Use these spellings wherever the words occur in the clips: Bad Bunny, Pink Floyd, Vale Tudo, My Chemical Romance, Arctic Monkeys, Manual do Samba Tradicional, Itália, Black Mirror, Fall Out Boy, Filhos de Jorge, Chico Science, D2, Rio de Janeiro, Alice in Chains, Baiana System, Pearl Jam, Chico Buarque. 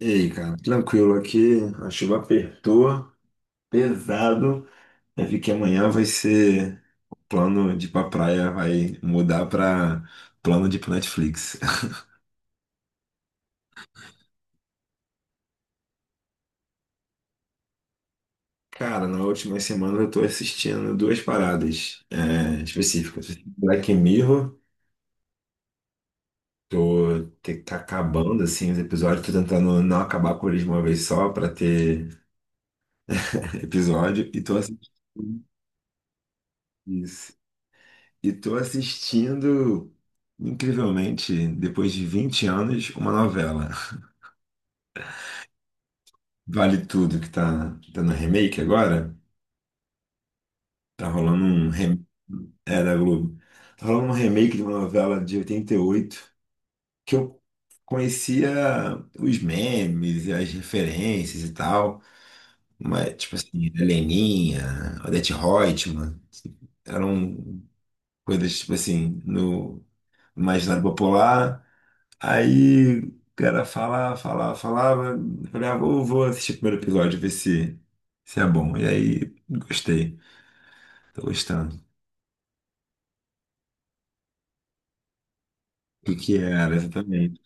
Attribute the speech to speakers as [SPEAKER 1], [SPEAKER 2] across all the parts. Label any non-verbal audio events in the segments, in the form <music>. [SPEAKER 1] E aí, cara, tranquilo aqui, a chuva apertou, pesado. Eu vi que amanhã vai ser plano de ir pra praia, vai mudar pra plano de ir pro Netflix. <laughs> Cara, na última semana eu tô assistindo duas paradas específicas. Black Mirror, tá acabando assim os episódios, tô tentando não acabar com eles de uma vez só pra ter <laughs> episódio, e tô assistindo. E tô assistindo, incrivelmente, depois de 20 anos, uma novela. Vale Tudo, que tá dando remake agora. Tá rolando um remake. É, da Globo. Tá rolando um remake de uma novela de 88 que eu conhecia os memes e as referências e tal. Mas, tipo assim, Heleninha, Odete Roitman, eram coisas, tipo assim, no imaginário popular. Aí o cara falava, falava, falava. Eu falei, ah, vou, vou assistir o primeiro episódio, ver se é bom. E aí, gostei. Tô gostando. O que que era exatamente?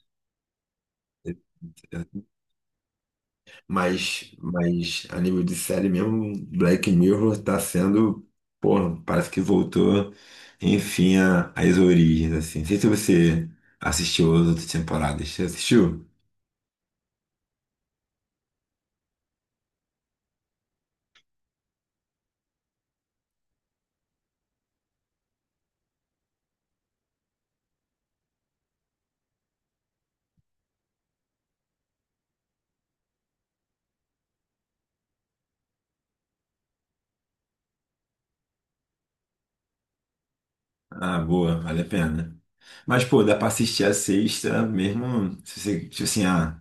[SPEAKER 1] Mas a nível de série mesmo, Black Mirror tá sendo, porra, parece que voltou, enfim, às origens, assim. Não sei se você assistiu as outras temporadas. Você assistiu? Ah, boa, vale a pena. Mas, pô, dá pra assistir a sexta mesmo, se você, tipo assim, ah.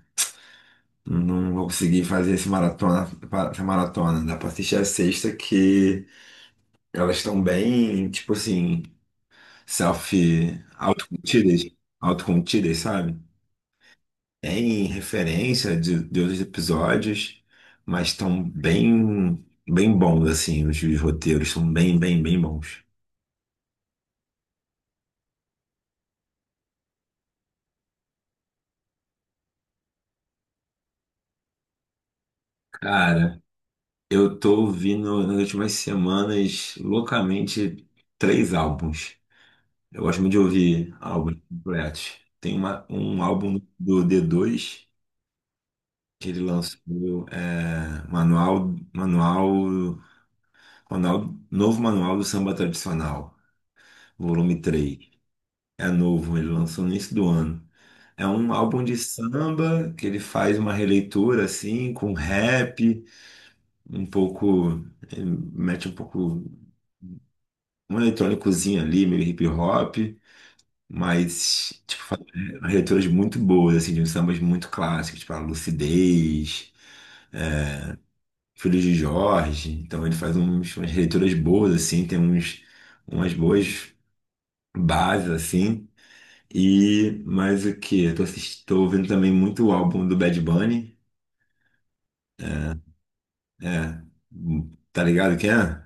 [SPEAKER 1] Não vou conseguir fazer esse maratona, essa maratona. Dá pra assistir a sexta que elas estão bem, tipo assim, self, autocontidas, autocontidas, sabe? Tem referência de outros episódios, mas estão bem, bem bons, assim, os roteiros são bem, bem, bem bons. Cara, eu tô ouvindo nas últimas semanas loucamente três álbuns. Eu gosto muito de ouvir álbuns completos. Tem um álbum do D2 que ele lançou, Manual, Manual, Manual, Novo Manual do Samba Tradicional, volume 3. É novo, ele lançou no início do ano. É um álbum de samba que ele faz uma releitura assim, com rap, um pouco, ele mete um pouco um eletrônicozinho ali, meio hip hop, mas umas leituras muito boas, assim, de uns sambas muito clássicos, tipo a Lucidez, Filhos de Jorge. Então ele faz uns, umas leituras boas, assim, tem uns, umas boas bases, assim. E mais o que? Tô ouvindo também muito o álbum do Bad Bunny, é, tá ligado que é?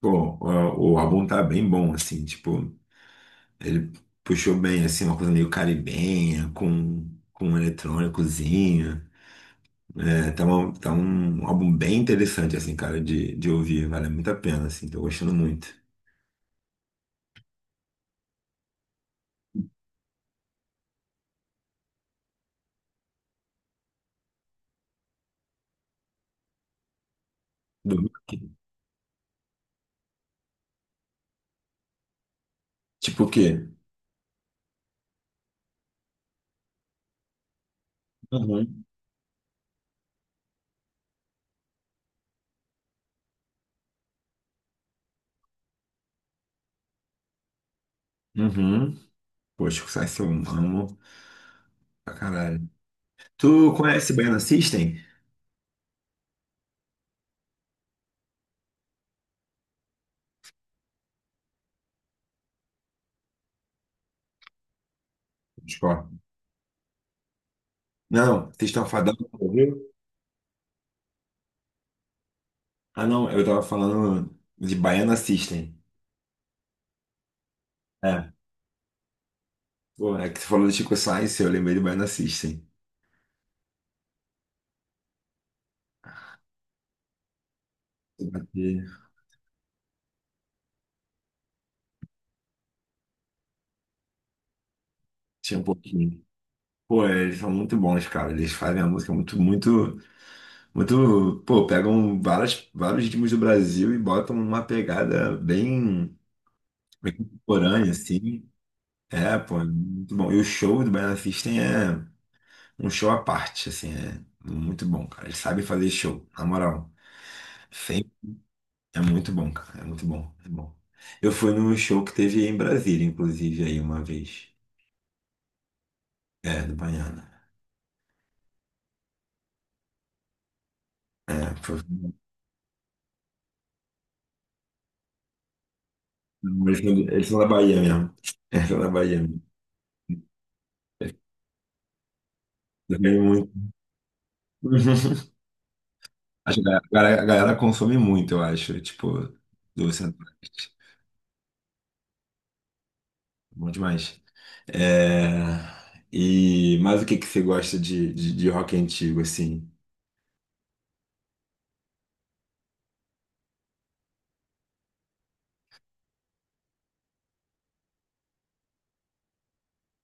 [SPEAKER 1] Pô, o álbum tá bem bom, assim, tipo, ele puxou bem, assim, uma coisa meio caribenha, com um eletrônicozinho. É, tá, tá um álbum bem interessante, assim, cara, de ouvir. Vale muito a pena, assim. Tô gostando muito. Do- Tipo o quê? Uhum. Uhum. Poxa, o Psy eu amo pra caralho. Tu conhece Baiana System? Tipo, não, vocês estão fadando, ouviu? Ah, não, eu tava falando de Baiana System. É. Pô, é que você falou do Chico Science, eu lembrei do Baiana System. Eu tinha um pouquinho. Pô, eles são muito bons, cara. Eles fazem a música muito, muito. Muito, pô, pegam várias, vários ritmos do Brasil e botam numa pegada bem, bem contemporânea, assim. É, pô, é muito bom. E o show do Baiana System é um show à parte, assim, é muito bom, cara. Eles sabem fazer show, na moral. Sempre. É muito bom, cara. É muito bom, é bom. Eu fui num show que teve em Brasília, inclusive, aí uma vez. É, do Baiana. É, foi... Eles são da Bahia mesmo. Eles são da Bahia mesmo. Eu ganhei muito. <laughs> Acho que a galera consome muito, eu acho. Tipo, do Centro-Oeste. Bom demais. É, E... Mas o que que você gosta de rock antigo, assim?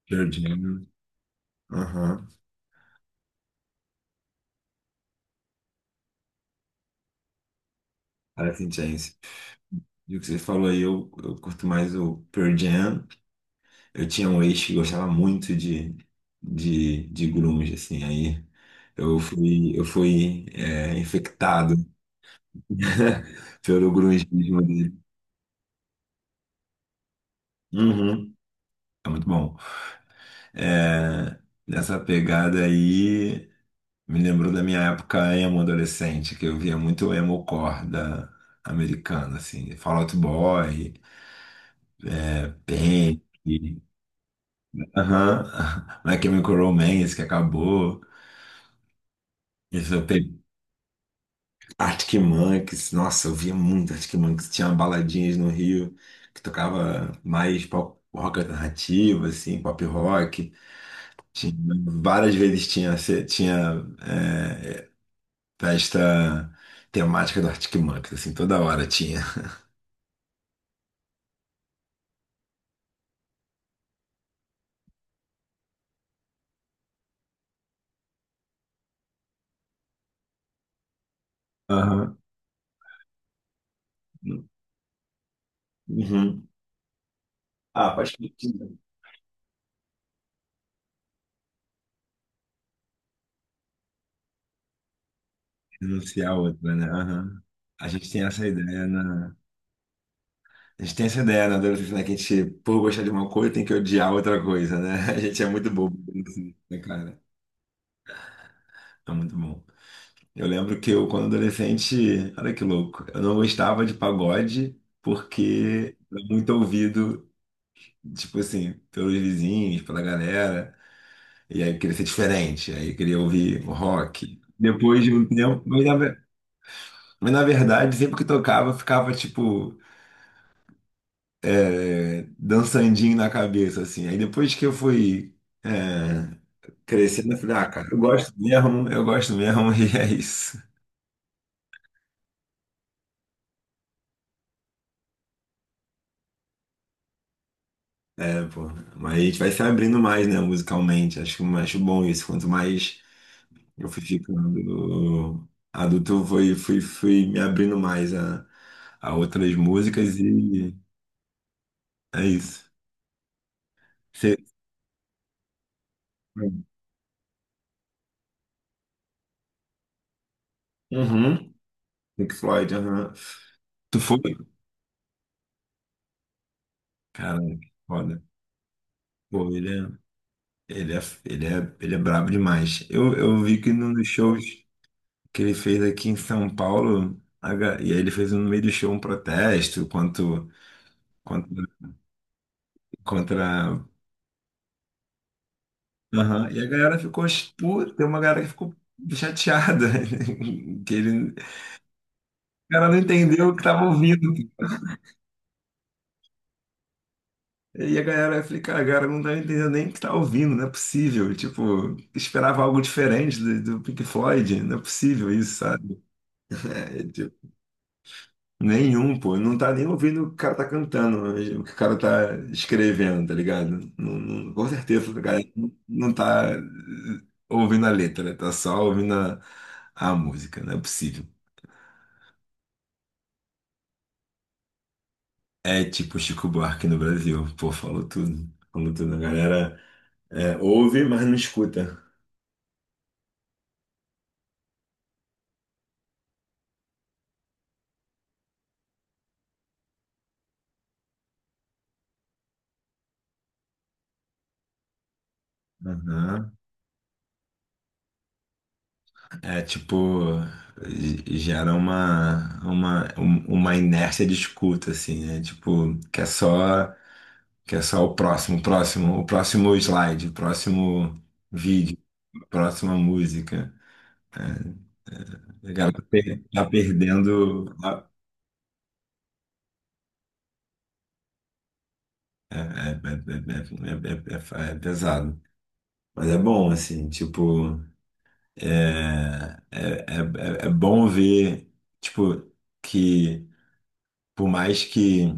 [SPEAKER 1] Pearl Jam. Aham. Alice in Chains. E o que você falou aí, eu curto mais o Pearl Jam. Eu tinha um ex que gostava muito de grunge, assim. Aí eu fui infectado <laughs> pelo grungismo dele. Uhum. É muito bom. É, nessa pegada aí, me lembrou da minha época emo adolescente, que eu via muito emo-core da americana, assim, Fall Out Boy, Pink, aham, <laughs> My Chemical Romance, que acabou, isso eu peguei, Arctic Monkeys, nossa, eu via muito Arctic Monkeys, tinha baladinhas no Rio, que tocava mais pop rock alternativo, assim, pop rock, tinha, várias vezes tinha, tinha é, Festa temática do Arctic Monkeys, assim, toda hora tinha. Aham. Uhum. Ah, pode anunciar outra, né? Aham. A gente tem essa ideia na. A gente tem essa ideia na adolescência, né? Que a gente, por gostar de uma coisa, tem que odiar outra coisa, né? <laughs> A gente é muito bobo, assim, né, cara? É muito bom. Eu lembro que eu, quando adolescente, olha que louco, eu não gostava de pagode porque era muito ouvido, tipo assim, pelos vizinhos, pela galera. E aí eu queria ser diferente, aí eu queria ouvir rock. Depois de um tempo, mas na verdade, sempre que tocava, ficava tipo dançandinho na cabeça, assim. Aí depois que eu fui é, crescendo, eu falei, ah, cara, eu gosto mesmo, <laughs> e é isso. É, pô. Mas a gente vai se abrindo mais, né, musicalmente. Acho, acho bom isso. Quanto mais eu fui ficando adulto, fui me abrindo mais a outras músicas e é isso. Você- Uhum. Pink Floyd, aham. Tu foi? Cara, que foda. Pô, ele é, ele é brabo demais. Eu vi que nos shows que ele fez aqui em São Paulo, e aí ele fez um no meio do show um protesto contra, contra... Aham, e a galera ficou, puta, tem uma galera que ficou chateada, <laughs> que ele, o cara não entendeu o que tava ouvindo. E a galera vai ficar, cara, a galera não tá entendendo nem o que tá ouvindo, não é possível. Tipo, esperava algo diferente do Pink Floyd, não é possível isso, sabe? É, tipo, nenhum, pô. Não tá nem ouvindo o que o cara tá cantando, mas o que o cara tá escrevendo, tá ligado? Com certeza, a galera não tá ouvindo a letra, tá só ouvindo a música, não é possível. É tipo Chico Buarque no Brasil, pô, falou tudo. Falou tudo, a galera ouve, mas não escuta. Aham. É tipo, gera uma inércia de escuta, assim, né? Tipo, que é só o próximo, o próximo, o próximo slide, o próximo vídeo, a próxima música. A galera tá per- Tá perdendo. É, é, é, é, é, é pesado. Mas é bom, assim, tipo, é bom ver, tipo, que por mais que.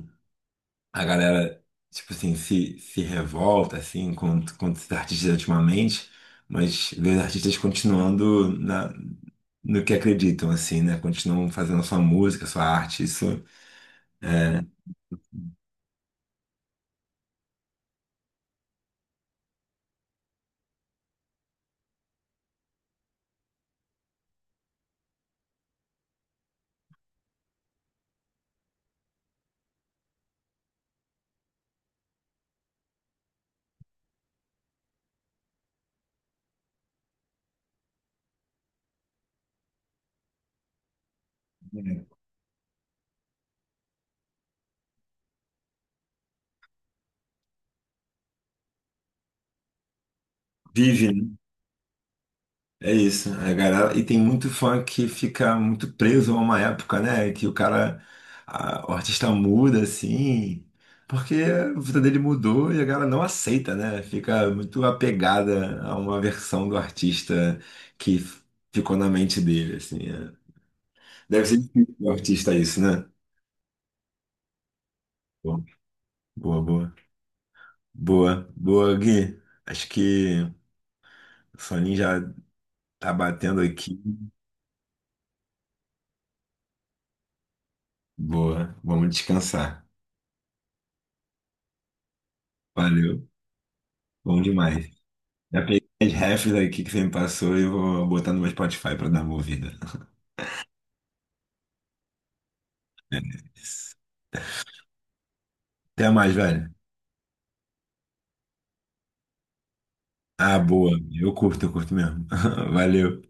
[SPEAKER 1] A galera, tipo assim, se revolta, assim, contra os artistas ultimamente, mas vê os artistas continuando na, no que acreditam, assim, né? Continuam fazendo a sua música, a sua arte, isso vive, né? É isso, a galera, e tem muito fã que fica muito preso a uma época, né? Que o cara, o artista muda assim, porque a vida dele mudou e a galera não aceita, né? Fica muito apegada a uma versão do artista que f- ficou na mente dele, assim. É. Deve ser difícil o artista isso, né? Bom, Boa, boa, boa, Gui. Acho que o soninho já tá batendo aqui. Boa, vamos descansar. Valeu, bom demais. Já peguei as refs aqui que você me passou e vou botar no meu Spotify pra dar uma ouvida. É isso. Até mais, velho. Ah, boa. Eu curto mesmo. <laughs> Valeu.